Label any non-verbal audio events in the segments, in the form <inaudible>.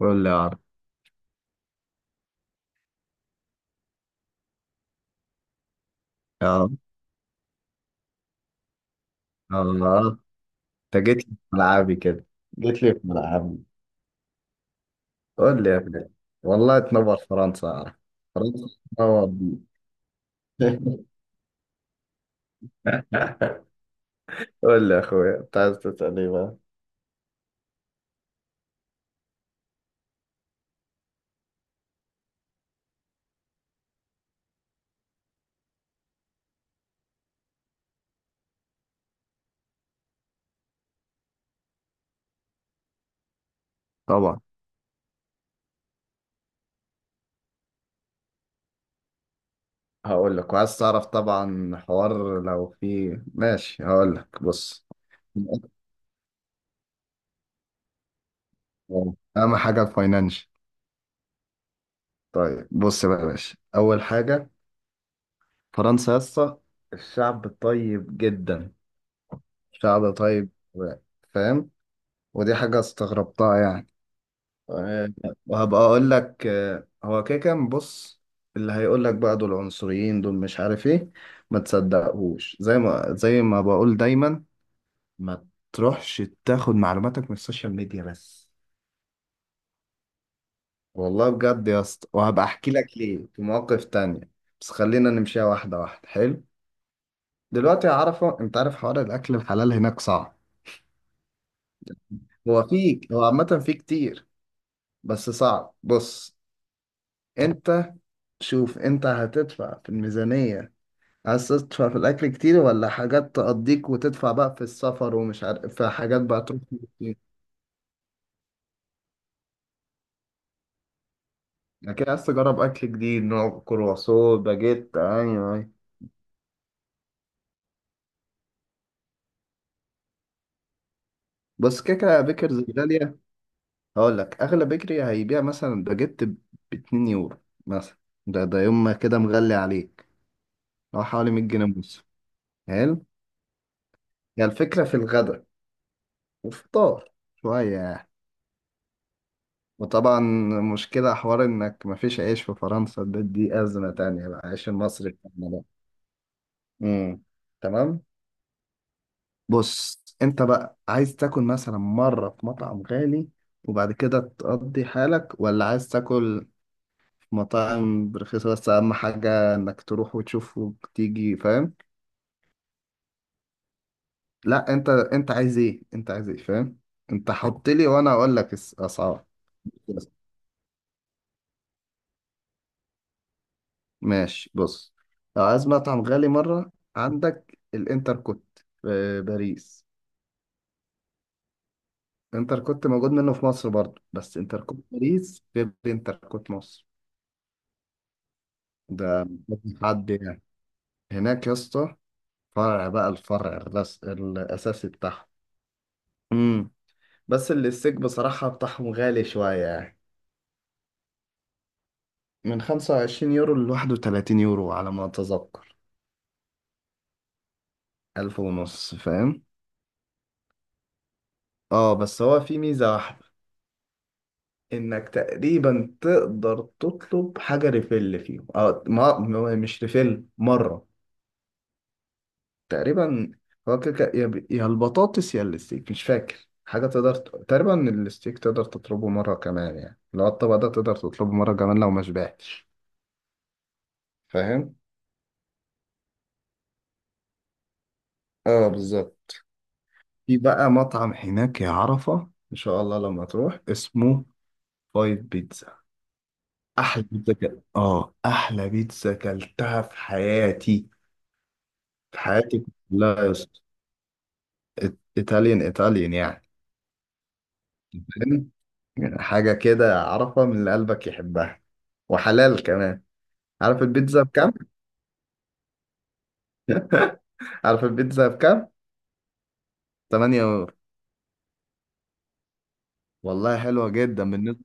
قول لي يا عرب. يا رب. الله. انت جيت لي في ملعبي كده. جيت لي في ملعبي. قول لي يا ابني. والله تنور فرنسا يا عرب. فرنسا تنور بي. <laughs> قول لي يا اخويا، انت عايز تسال ايه بقى؟ طبعا. هقول لك، وعايز تعرف طبعا حوار لو في. ماشي، هقول لك، بص. اهم حاجه الفاينانشال. طيب بص بقى يا باشا، اول حاجه، فرنسا يا اسطى، الشعب طيب جدا. شعب طيب. فاهم. ودي حاجة استغربتها يعني. آه، وهبقى أقول لك هو كده كان. بص. اللي هيقول لك بقى دول عنصريين، دول مش عارف إيه، ما تصدقهوش. زي ما بقول دايما، ما تروحش تاخد معلوماتك من السوشيال ميديا بس. والله بجد يا اسطى، وهبقى أحكي لك ليه في مواقف تانية. بس خلينا نمشيها واحدة واحدة. حلو. دلوقتي يا عرفة، أنت عارف حوار الأكل الحلال هناك صعب. هو عامة فيه كتير، بس صعب. بص. أنت شوف انت هتدفع في الميزانية. عايز تدفع في الأكل كتير ولا حاجات تقضيك وتدفع بقى في السفر، ومش عارف في حاجات بقى تروح كتير. أكيد عايز تجرب أكل جديد، نوع كرواسون، باجيت. أيوه أيوه. بس كده كده بيكرز غالية. هقول لك، أغلى بيكري هيبيع مثلا باجيت ب 2 يورو مثلا. ده يوم ما كده مغلي عليك، هو حوالي 100 جنيه ونص. حلو. هي الفكرة في الغدا والفطار شوية يعني. وطبعا مشكلة حوار إنك مفيش عيش في فرنسا. دي أزمة تانية بقى، عيش المصري بتاعنا ده. امم. تمام. بص أنت بقى عايز تاكل مثلا مرة في مطعم غالي وبعد كده تقضي حالك، ولا عايز تاكل في مطاعم رخيصة، بس أهم حاجة إنك تروح وتشوف وتيجي. فاهم؟ لا، أنت عايز إيه؟ أنت عايز إيه؟ فاهم؟ أنت حط لي وأنا أقول لك الأسعار. ماشي، بص. لو عايز مطعم غالي مرة، عندك الانتر كوت في باريس. انتر كوت موجود منه في مصر برضه، بس انتر كوت باريس غير انتر كوت مصر. ده مش حد يعني هناك يا اسطى. فرع بقى، الفرع الأساسي بتاعهم. امم. بس اللي الستيك بصراحة بتاعهم غالي شوية يعني، من 25 يورو ل 31 يورو على ما أتذكر. ألف ونص فاهم. اه. بس هو في ميزة واحدة، انك تقريبا تقدر تطلب حاجه ريفيل فيهم. اه، مش ريفيل مره. تقريبا. هو كده كده، يا يا البطاطس يا الستيك مش فاكر حاجه، تقدر تقريبا الستيك تقدر تطلبه مره كمان، يعني لو الطبق ده تقدر تطلبه مره كمان لو ما شبعتش. فاهم. اه بالظبط. في بقى مطعم هناك يا عرفه ان شاء الله لما تروح، اسمه فايف بيتزا. احلى بيتزا كده، اه، احلى بيتزا كلتها في حياتي. في حياتي كلها يا اسطى. ايطاليان ايطاليان يعني. فاهم؟ حاجة كده عارفة من اللي قلبك يحبها، وحلال كمان. عارف البيتزا بكام؟ <laughs> عارف البيتزا بكام؟ 8 يورو. والله حلوة جدا بالنسبة.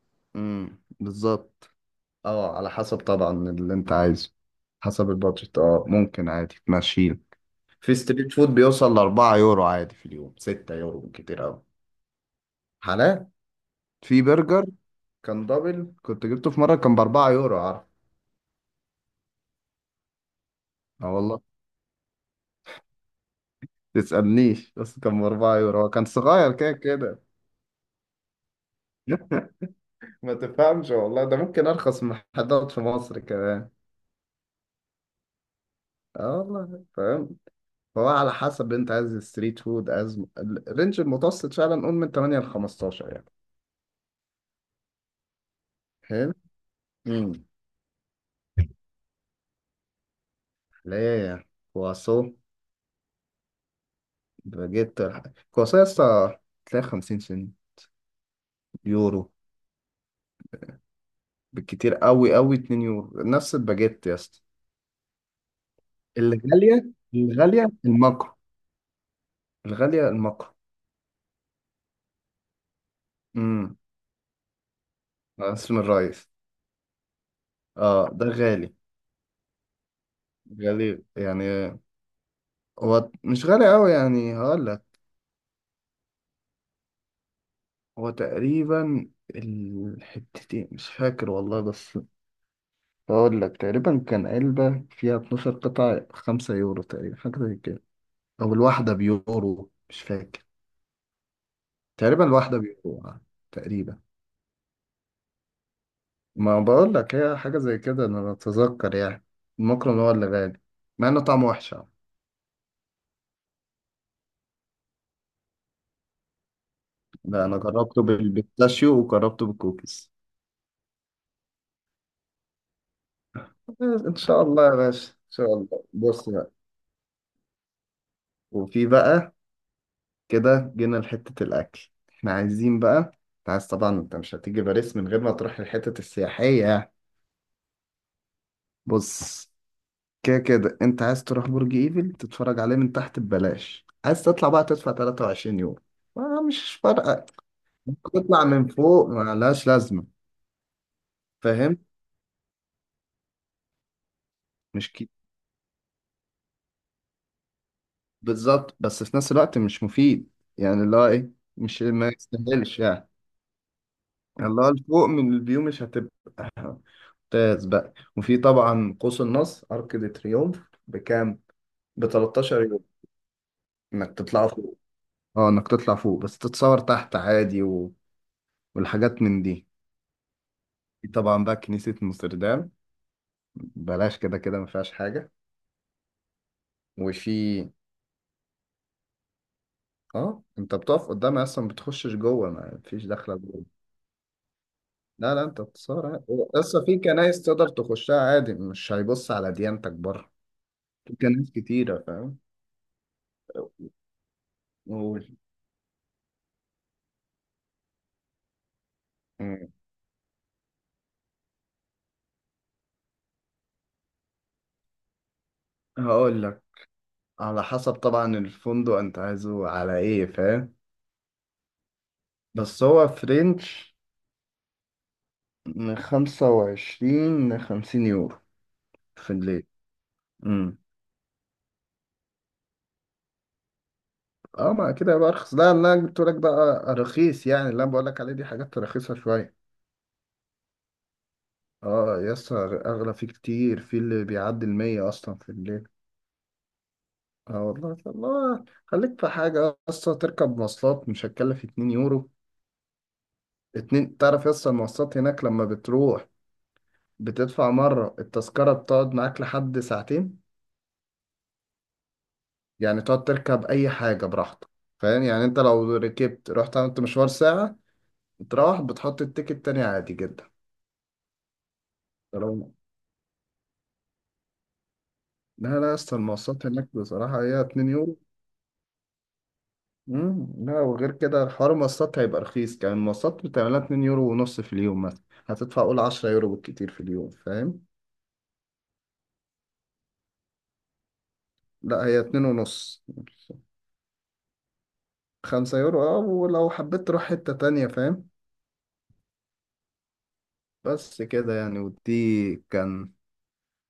<laughs> امم. بالظبط. اه على حسب طبعا اللي انت عايزه، حسب البادجت. اه ممكن عادي تمشيله. في ستريت فود بيوصل ل 4 يورو عادي في اليوم، 6 يورو كتير قوي. حلال. في برجر كان دبل، كنت جبته في مرة، كان ب 4 يورو عارف. اه والله. تسألنيش، بس كان ب 4 يورو، هو كان صغير كده كده. <laughs> ما تفهمش والله، ده ممكن أرخص من محلات في مصر كمان. اه والله فاهم. فهو على حسب، أنت عايز ستريت فود، عايز الرينج المتوسط فعلا، قول من 8 ل 15 يعني. حلو. امم. ليه كواسو باجيت، كواسو يا اسطى تلاقي 50 سنت، يورو بالكتير قوي قوي 2 يورو نفس الباجيت يا اسطى. الغالية الغالية الماكرو الغالية الماكرو. امم. اسم الرئيس. اه ده غالي، غالي يعني. هو مش غالي قوي يعني، هقول لك. هو تقريبا، الحتتين مش فاكر والله، بس هقول لك تقريبا كان علبة فيها 12 قطعة 5 يورو تقريبا، حاجة زي كده. او الواحدة بيورو مش فاكر، تقريبا الواحدة بيورو تقريبا. ما بقول لك هي حاجة زي كده، انا اتذكر يعني. المكرم هو اللي غالي، مع انه طعمه وحش آه. لا انا جربته بالبيستاشيو وجربته بالكوكيز. ان شاء الله يا باشا، ان شاء الله. بص بقى. وفي بقى، كده جينا لحتة الاكل احنا عايزين بقى، انت عايز طبعا، انت مش هتيجي باريس من غير ما تروح الحتت السياحية. بص، كده كده انت عايز تروح برج ايفل تتفرج عليه من تحت ببلاش، عايز تطلع بقى تدفع 23 يورو، ما مش فارقة. تطلع من فوق ما لهاش لازمة. فاهم. مش كي... بالظبط، بس في نفس الوقت مش مفيد. يعني اللي هو ايه، مش ما يستاهلش يعني، اللي هو الفوق من الفيو مش هتبقى ممتاز بقى. وفي طبعا قوس النصر، ارك دي تريومف بكام؟ ب 13 يوم، انك تطلع فوق. اه انك تطلع فوق، بس تتصور تحت عادي، والحاجات من دي. في طبعا بقى كنيسة نوستردام، بلاش كده كده ما فيهاش حاجة. وفي اه انت بتقف قدامها اصلا، ما بتخشش جوه، ما فيش داخله جوه. لا لا انت بتتصور عادي. اصلا في كنايس تقدر تخشها عادي، مش هيبص على ديانتك بره. في كنايس كتيرة فاهم. قول. مم. هقول لك، على حسب طبعا الفندق انت عايزه على ايه فاهم. بس هو فرنش من 25 ل 50 يورو في الليل. امم. اه. ما كده يبقى ارخص. لا، اللي انا جبت لك بقى رخيص يعني، اللي انا بقول لك عليه دي حاجات رخيصة شوية. اه يس، اغلى فيه كتير، في اللي بيعدي المية اصلا في الليل. اه والله. الله. خليك في حاجة اصلا، تركب مواصلات مش هتكلف 2 يورو. 2، تعرف يس، المواصلات هناك لما بتروح بتدفع مرة التذكرة بتقعد معاك لحد ساعتين. يعني تقعد تركب أي حاجة براحتك. فاهم يعني، أنت لو ركبت رحت عملت مشوار ساعة، تروح بتحط التيكت تاني عادي جدا. لو لا لا يا اسطى، المواصلات هناك بصراحة هي 2 يورو. مم. لا، وغير كده حوار المواصلات هيبقى رخيص كمان. المواصلات بتعملها 2 يورو ونص في اليوم، مثلا هتدفع قول 10 يورو بالكتير في اليوم فاهم. لا هي 2 ونص، 5 يورو، اه، ولو حبيت تروح حتة تانية فاهم. بس كده يعني، ودي كان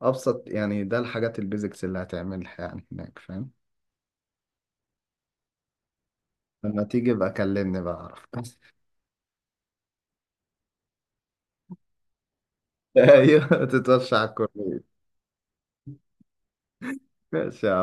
ابسط يعني، ده الحاجات البيزكس اللي هتعملها يعني هناك فاهم. لما تيجي بقى كلمني بقى اعرف. <laughs> ايوه تتوشع على الكورنيش. ماشي يا